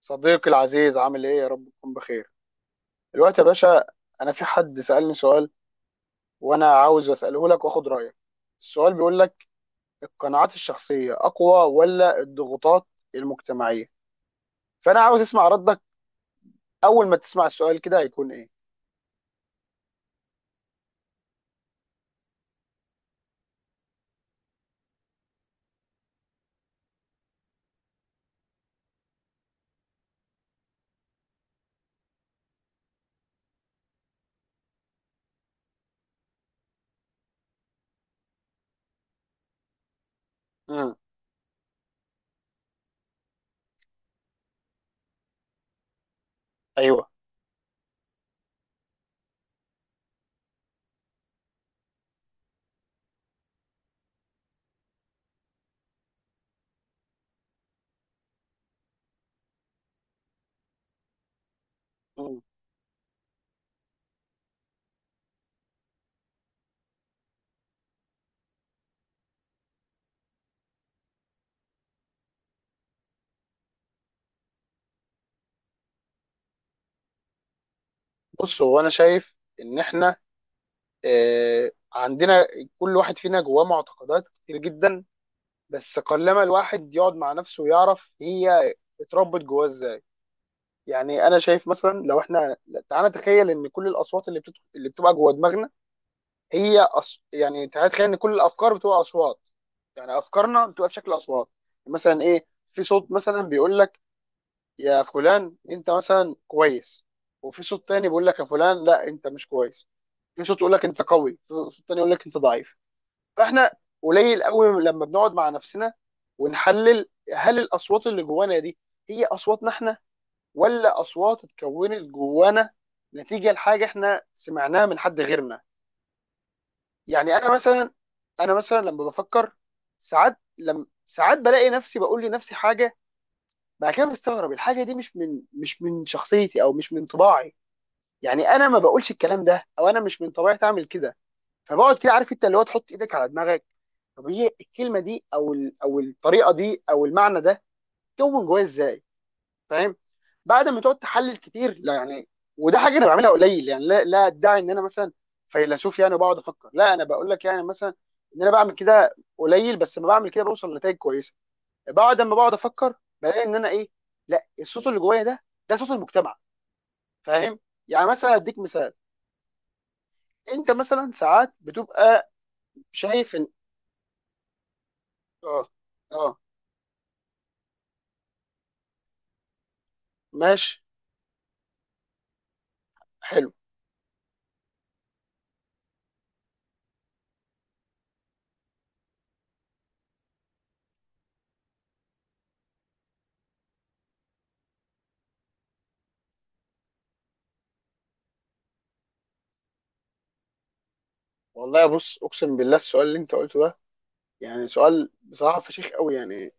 صديقي العزيز، عامل ايه؟ يا رب تكون بخير. دلوقتي يا باشا، انا في حد سألني سؤال، وانا عاوز اساله لك واخد رايك. السؤال بيقول لك: القناعات الشخصيه اقوى ولا الضغوطات المجتمعيه؟ فانا عاوز اسمع ردك. اول ما تسمع السؤال كده هيكون ايه؟ امم ايوه. مم. بص، هو انا شايف ان احنا عندنا، كل واحد فينا جواه معتقدات كتير جدا، بس قلما الواحد يقعد مع نفسه ويعرف هي اتربت جواه ازاي. يعني انا شايف مثلا لو احنا تعالى نتخيل ان كل الاصوات اللي اللي بتبقى جوه دماغنا، يعني تعالى نتخيل ان كل الافكار بتبقى اصوات. يعني افكارنا بتبقى بشكل اصوات. مثلا ايه، في صوت مثلا بيقول لك: يا فلان، انت مثلا كويس. وفي صوت تاني بيقول لك: يا فلان، لا، انت مش كويس. في صوت يقول لك انت قوي، في صوت تاني يقول لك انت ضعيف. فاحنا قليل قوي لما بنقعد مع نفسنا ونحلل: هل الاصوات اللي جوانا دي هي اصواتنا احنا، ولا اصوات اتكونت جوانا نتيجه لحاجه احنا سمعناها من حد غيرنا. يعني انا مثلا، انا مثلا لما بفكر ساعات لم ساعات بلاقي نفسي بقول لنفسي حاجه، بعد كده بستغرب الحاجه دي، مش من شخصيتي او مش من طباعي. يعني انا ما بقولش الكلام ده، او انا مش من طبيعتي اعمل كده. فبقعد كده، عارف انت اللي هو تحط ايدك على دماغك، طب هي الكلمه دي او الطريقه دي او المعنى ده كون جوايا ازاي؟ فاهم، بعد ما تقعد تحلل كتير، لا يعني. وده حاجه انا بعملها قليل، يعني لا لا ادعي ان انا مثلا فيلسوف يعني، بقعد افكر. لا، انا بقول لك يعني مثلا ان انا بعمل كده قليل، بس لما بعمل كده بوصل لنتائج كويسه. بعد ما بقعد افكر بلاقي ان انا ايه، لا، الصوت اللي جوايا ده، ده صوت المجتمع. فاهم؟ يعني مثلا اديك مثال. انت مثلا ساعات بتبقى شايف ان اه اه ماشي. حلو. والله بص، اقسم بالله السؤال اللي انت قلته ده يعني سؤال بصراحه فشيخ قوي يعني.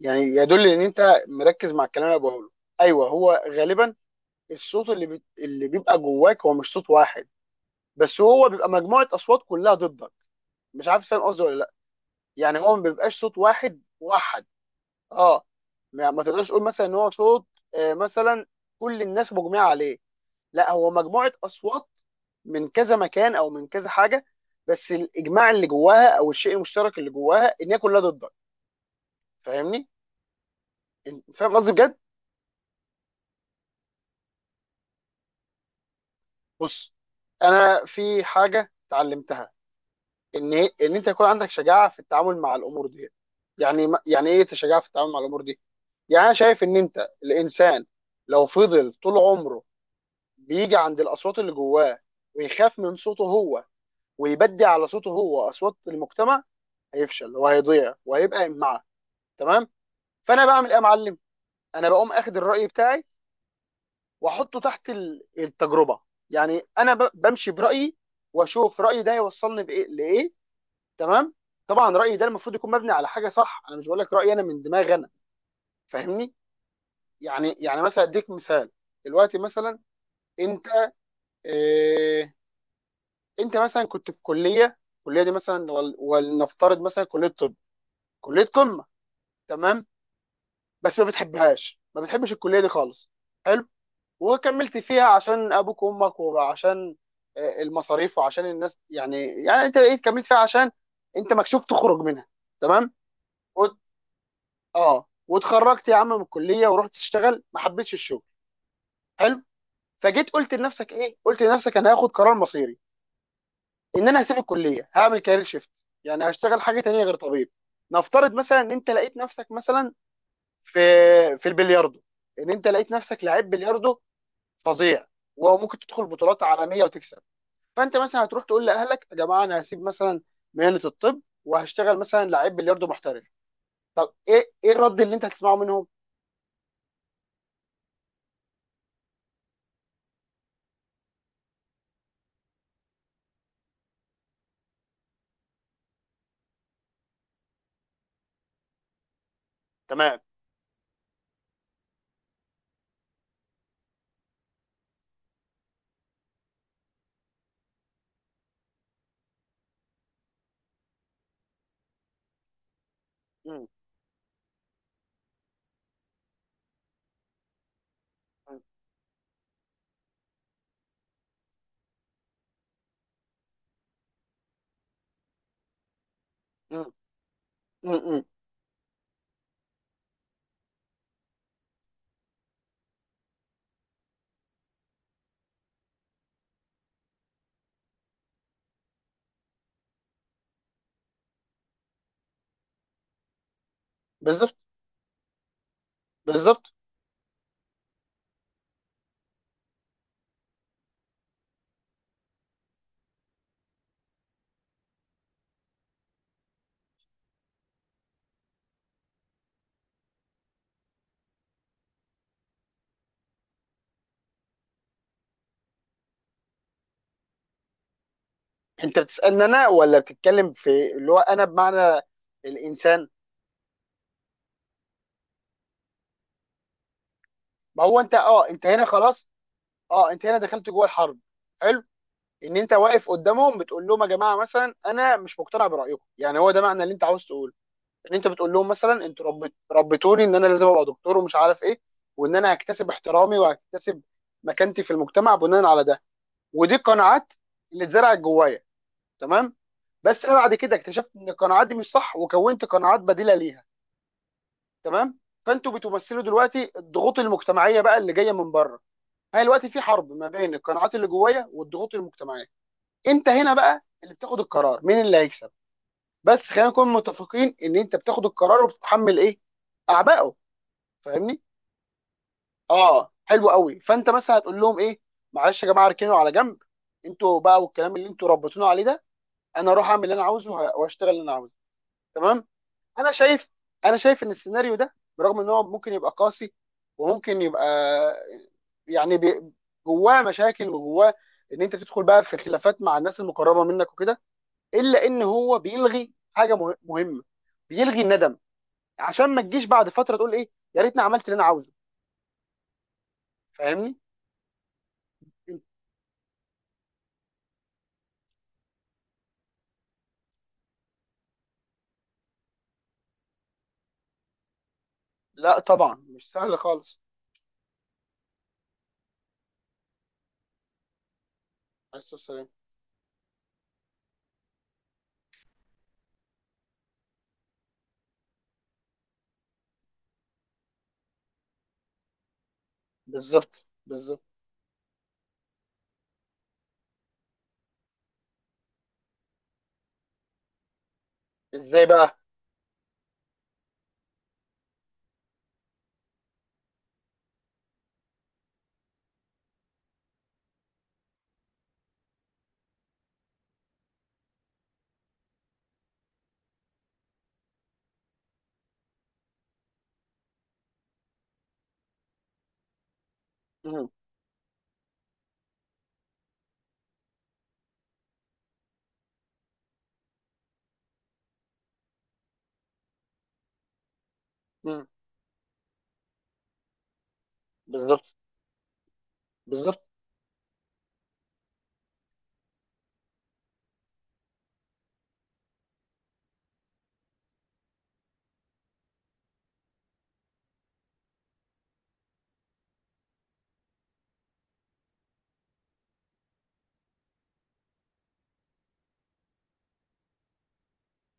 يعني يدل ان انت مركز مع الكلام اللي أنا بقوله. ايوه، هو غالبا الصوت اللي اللي بيبقى جواك هو مش صوت واحد، بس هو بيبقى مجموعه اصوات كلها ضدك. مش عارف فاهم قصدي ولا لا، يعني هو ما بيبقاش صوت واحد واحد. اه. ما تقدرش تقول مثلا ان هو صوت مثلا كل الناس مجمعه عليه. لا، هو مجموعه اصوات من كذا مكان او من كذا حاجه، بس الاجماع اللي جواها او الشيء المشترك اللي جواها ان هي كلها ضدك. فاهمني؟ فاهم قصدي بجد؟ بص، انا في حاجه اتعلمتها، ان انت يكون عندك شجاعه في التعامل مع الامور دي. يعني ايه شجاعه في التعامل مع الامور دي؟ يعني انا شايف ان انت الانسان لو فضل طول عمره بيجي عند الاصوات اللي جواه، ويخاف من صوته هو، ويبدي على صوته هو اصوات المجتمع، هيفشل وهيضيع وهيبقى إمعة. تمام؟ فانا بعمل ايه يا معلم؟ انا بقوم اخد الراي بتاعي واحطه تحت التجربه. يعني انا بمشي برايي واشوف رايي ده يوصلني بايه لايه. تمام؟ طبعا رايي ده المفروض يكون مبني على حاجه صح، انا مش بقول لك رايي انا من دماغي انا. فاهمني؟ يعني مثلا اديك مثال. دلوقتي مثلا انت إيه انت مثلا كنت في كليه، الكليه دي مثلا ولنفترض مثلا كليه طب، كليه قمه. تمام؟ بس ما بتحبهاش، ما بتحبش الكليه دي خالص. حلو. وكملت فيها عشان ابوك وامك وعشان المصاريف وعشان الناس يعني. يعني انت ايه، كملت فيها عشان انت مكسوف تخرج منها. تمام؟ اه، واتخرجت يا عم من الكليه ورحت اشتغل، ما حبيتش الشغل. حلو. فجيت قلت لنفسك ايه؟ قلت لنفسك: انا هاخد قرار مصيري، ان انا هسيب الكليه هعمل كارير شيفت. يعني هشتغل حاجه تانية غير طبيب. نفترض مثلا ان انت لقيت نفسك مثلا في في البلياردو، ان انت لقيت نفسك لعيب بلياردو فظيع، وممكن تدخل بطولات عالميه وتكسب. فانت مثلا هتروح تقول لاهلك: يا جماعه، انا هسيب مثلا مهنه الطب وهشتغل مثلا لعيب بلياردو محترف. طب ايه الرد اللي انت هتسمعه منهم؟ تمام. مم. م. بالظبط، بالظبط. انت بتسالني انا ولا بتتكلم في اللي هو انا بمعنى الانسان؟ ما هو انت، اه، انت هنا خلاص. اه، انت هنا دخلت جوه الحرب. حلو. ان انت واقف قدامهم بتقول لهم: يا جماعه مثلا، انا مش مقتنع برايكم. يعني هو ده معنى اللي انت عاوز تقوله؟ ان انت بتقول لهم مثلا: انتوا ربتوني ان انا لازم ابقى دكتور ومش عارف ايه، وان انا هكتسب احترامي وهكتسب مكانتي في المجتمع بناء على ده. ودي قناعات اللي اتزرعت جوايا. تمام؟ بس انا بعد كده اكتشفت ان القناعات دي مش صح، وكونت قناعات بديله ليها. تمام. فانتوا بتمثلوا دلوقتي الضغوط المجتمعيه بقى اللي جايه من بره. هي دلوقتي في حرب ما بين القناعات اللي جوايا والضغوط المجتمعيه. انت هنا بقى اللي بتاخد القرار، مين اللي هيكسب؟ بس خلينا نكون متفقين ان انت بتاخد القرار وبتتحمل ايه؟ اعبائه. فاهمني؟ اه، حلو قوي. فانت مثلا هتقول لهم ايه؟ معلش يا جماعه، اركنوا على جنب، انتوا بقى والكلام اللي انتوا ربيتونا عليه ده. انا اروح اعمل اللي انا عاوزه واشتغل اللي انا عاوزه. تمام. انا شايف انا شايف ان السيناريو ده، برغم ان هو ممكن يبقى قاسي وممكن يبقى، يعني جواه مشاكل وجواه ان انت تدخل بقى في خلافات مع الناس المقربه منك وكده، الا ان هو بيلغي حاجه مهمه: بيلغي الندم. عشان ما تجيش بعد فتره تقول ايه، يا ريتني عملت اللي انا عاوزه. فاهمني؟ لا طبعا مش سهل خالص. عليه الصلاه والسلام. بالظبط، بالظبط. ازاي بقى؟ مم. مم. بالظبط، بالظبط.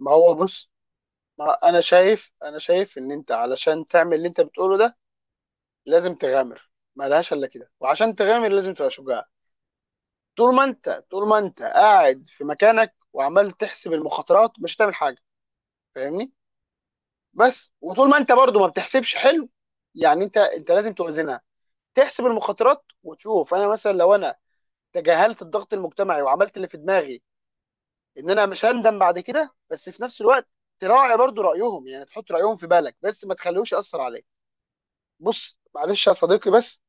ما هو بص، ما انا شايف ان انت علشان تعمل اللي انت بتقوله ده لازم تغامر، ملهاش الا كده، وعشان تغامر لازم تبقى شجاع. طول ما انت قاعد في مكانك وعمال تحسب المخاطرات، مش هتعمل حاجه. فاهمني؟ بس وطول ما انت برضو ما بتحسبش، حلو. يعني انت، انت لازم توازنها. تحسب المخاطرات وتشوف، انا مثلا لو انا تجاهلت الضغط المجتمعي وعملت اللي في دماغي، ان انا مش هندم بعد كده، بس في نفس الوقت تراعي برضو رايهم. يعني تحط رايهم في بالك بس ما تخليهوش ياثر عليك. بص معلش يا صديقي، بس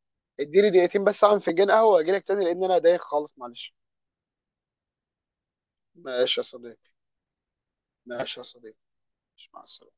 اديني دقيقتين بس اعمل فنجان قهوه واجي لك تاني، لان انا دايخ خالص، معلش. ماشي يا صديقي. ماشي يا صديقي. مع السلامه.